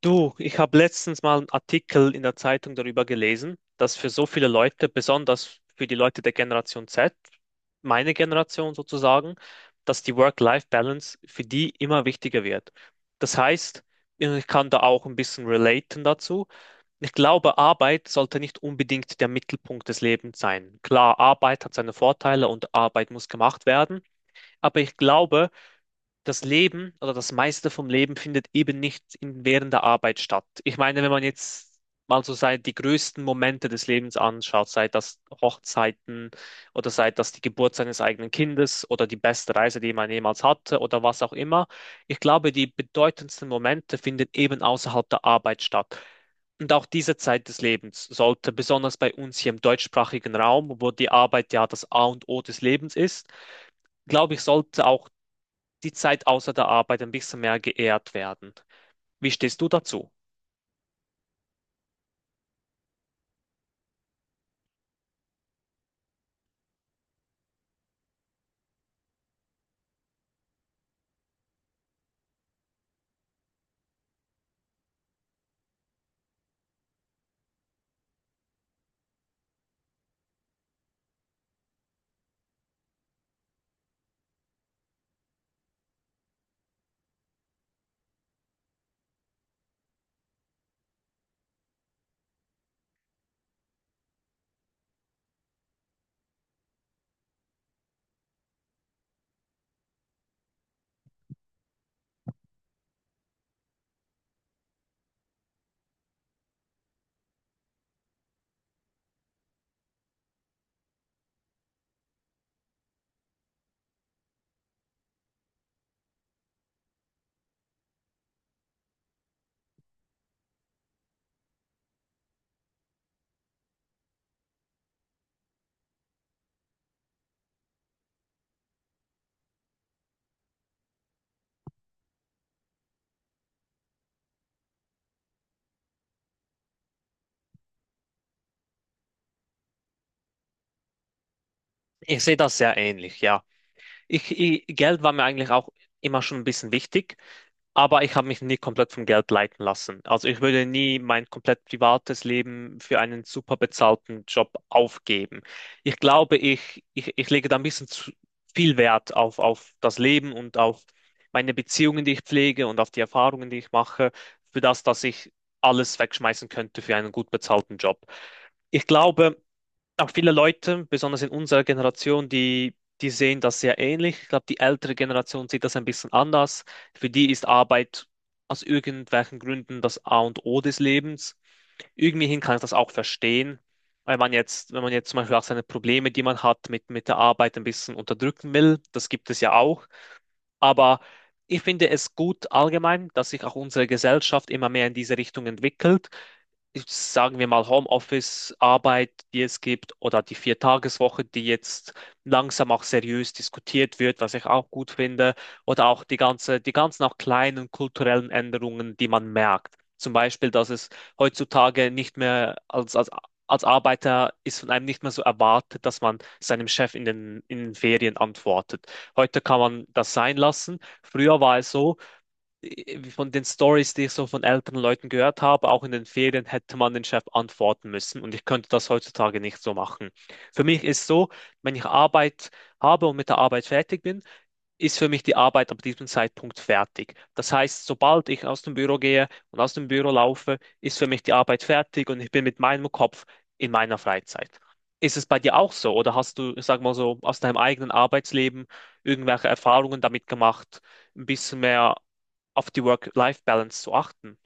Du, ich habe letztens mal einen Artikel in der Zeitung darüber gelesen, dass für so viele Leute, besonders für die Leute der Generation Z, meine Generation sozusagen, dass die Work-Life-Balance für die immer wichtiger wird. Das heißt, ich kann da auch ein bisschen relaten dazu. Ich glaube, Arbeit sollte nicht unbedingt der Mittelpunkt des Lebens sein. Klar, Arbeit hat seine Vorteile und Arbeit muss gemacht werden, aber ich glaube, das Leben oder das meiste vom Leben findet eben nicht in, während der Arbeit statt. Ich meine, wenn man jetzt mal so sei, die größten Momente des Lebens anschaut, sei das Hochzeiten oder sei das die Geburt seines eigenen Kindes oder die beste Reise, die man jemals hatte oder was auch immer. Ich glaube, die bedeutendsten Momente finden eben außerhalb der Arbeit statt. Und auch diese Zeit des Lebens sollte besonders bei uns hier im deutschsprachigen Raum, wo die Arbeit ja das A und O des Lebens ist, glaube ich, sollte auch die Zeit außer der Arbeit ein bisschen mehr geehrt werden. Wie stehst du dazu? Ich sehe das sehr ähnlich, ja. Ich, Geld war mir eigentlich auch immer schon ein bisschen wichtig, aber ich habe mich nie komplett vom Geld leiten lassen. Also ich würde nie mein komplett privates Leben für einen super bezahlten Job aufgeben. Ich glaube, ich lege da ein bisschen zu viel Wert auf das Leben und auf meine Beziehungen, die ich pflege und auf die Erfahrungen, die ich mache, für das, dass ich alles wegschmeißen könnte für einen gut bezahlten Job. Ich glaube, auch viele Leute, besonders in unserer Generation, die sehen das sehr ähnlich. Ich glaube, die ältere Generation sieht das ein bisschen anders. Für die ist Arbeit aus irgendwelchen Gründen das A und O des Lebens. Irgendwie hin kann ich das auch verstehen, weil man jetzt, wenn man jetzt zum Beispiel auch seine Probleme, die man hat, mit der Arbeit ein bisschen unterdrücken will, das gibt es ja auch. Aber ich finde es gut allgemein, dass sich auch unsere Gesellschaft immer mehr in diese Richtung entwickelt. Ich- Sagen wir mal Homeoffice-Arbeit, die es gibt, oder die Viertageswoche, die jetzt langsam auch seriös diskutiert wird, was ich auch gut finde, oder auch die ganze, die ganzen auch kleinen kulturellen Änderungen, die man merkt. Zum Beispiel, dass es heutzutage nicht mehr als Arbeiter ist von einem nicht mehr so erwartet, dass man seinem Chef in den Ferien antwortet. Heute kann man das sein lassen. Früher war es so, von den Stories, die ich so von älteren Leuten gehört habe, auch in den Ferien hätte man den Chef antworten müssen und ich könnte das heutzutage nicht so machen. Für mich ist so, wenn ich Arbeit habe und mit der Arbeit fertig bin, ist für mich die Arbeit ab diesem Zeitpunkt fertig. Das heißt, sobald ich aus dem Büro gehe und aus dem Büro laufe, ist für mich die Arbeit fertig und ich bin mit meinem Kopf in meiner Freizeit. Ist es bei dir auch so oder hast du, sag mal so, aus deinem eigenen Arbeitsleben irgendwelche Erfahrungen damit gemacht, ein bisschen mehr auf die Work-Life-Balance zu achten?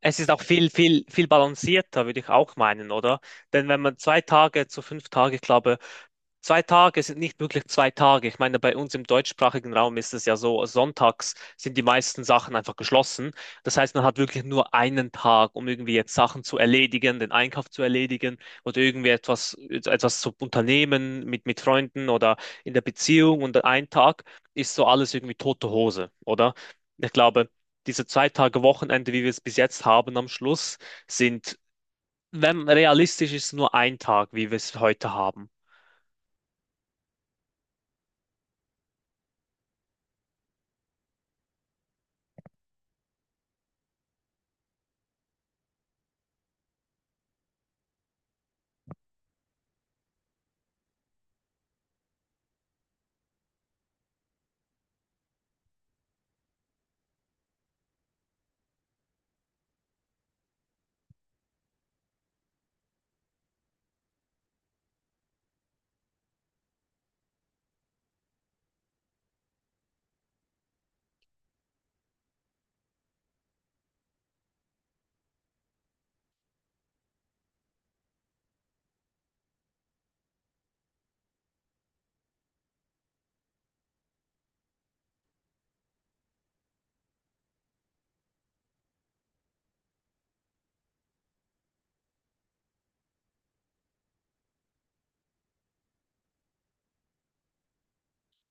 Es ist auch viel, viel, viel balancierter, würde ich auch meinen, oder? Denn wenn man 2 Tage zu 5 Tage glaube 2 Tage sind nicht wirklich 2 Tage. Ich meine, bei uns im deutschsprachigen Raum ist es ja so, sonntags sind die meisten Sachen einfach geschlossen. Das heißt, man hat wirklich nur einen Tag, um irgendwie jetzt Sachen zu erledigen, den Einkauf zu erledigen oder irgendwie etwas zu unternehmen mit Freunden oder in der Beziehung. Und ein Tag ist so alles irgendwie tote Hose, oder? Ich glaube, diese 2 Tage Wochenende, wie wir es bis jetzt haben am Schluss, sind, wenn realistisch ist, nur ein Tag, wie wir es heute haben.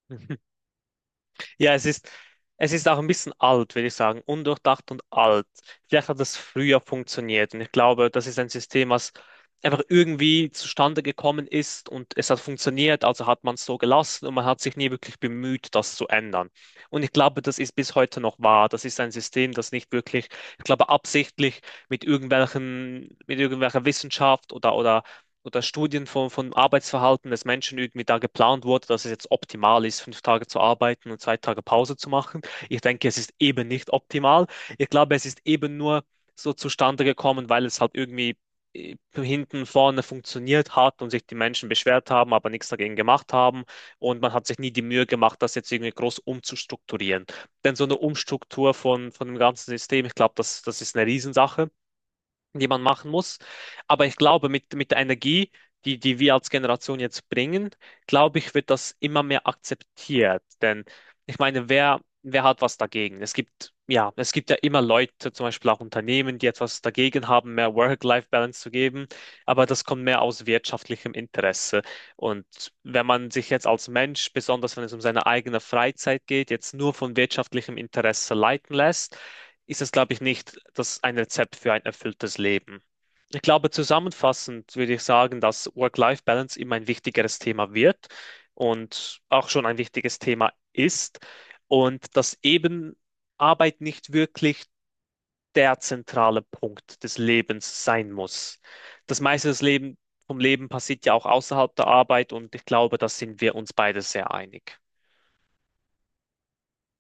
Ja, es ist auch ein bisschen alt, würde ich sagen. Undurchdacht und alt. Vielleicht hat das früher funktioniert. Und ich glaube, das ist ein System, was einfach irgendwie zustande gekommen ist und es hat funktioniert, also hat man es so gelassen und man hat sich nie wirklich bemüht, das zu ändern. Und ich glaube, das ist bis heute noch wahr. Das ist ein System, das nicht wirklich, ich glaube, absichtlich mit irgendwelchen, mit irgendwelcher Wissenschaft oder, oder Studien von Arbeitsverhalten des Menschen irgendwie da geplant wurde, dass es jetzt optimal ist, 5 Tage zu arbeiten und 2 Tage Pause zu machen. Ich denke, es ist eben nicht optimal. Ich glaube, es ist eben nur so zustande gekommen, weil es halt irgendwie hinten vorne funktioniert hat und sich die Menschen beschwert haben, aber nichts dagegen gemacht haben. Und man hat sich nie die Mühe gemacht, das jetzt irgendwie groß umzustrukturieren. Denn so eine Umstruktur von dem ganzen System, ich glaube, das ist eine Riesensache die man machen muss. Aber ich glaube, mit der Energie, die wir als Generation jetzt bringen, glaube ich, wird das immer mehr akzeptiert. Denn ich meine, wer hat was dagegen? Es gibt ja immer Leute, zum Beispiel auch Unternehmen, die etwas dagegen haben, mehr Work-Life-Balance zu geben. Aber das kommt mehr aus wirtschaftlichem Interesse. Und wenn man sich jetzt als Mensch, besonders wenn es um seine eigene Freizeit geht, jetzt nur von wirtschaftlichem Interesse leiten lässt, ist es, glaube ich, nicht das ein Rezept für ein erfülltes Leben. Ich glaube, zusammenfassend würde ich sagen, dass Work-Life-Balance immer ein wichtigeres Thema wird und auch schon ein wichtiges Thema ist und dass eben Arbeit nicht wirklich der zentrale Punkt des Lebens sein muss. Das meiste des Leben, vom Leben passiert ja auch außerhalb der Arbeit und ich glaube, da sind wir uns beide sehr einig.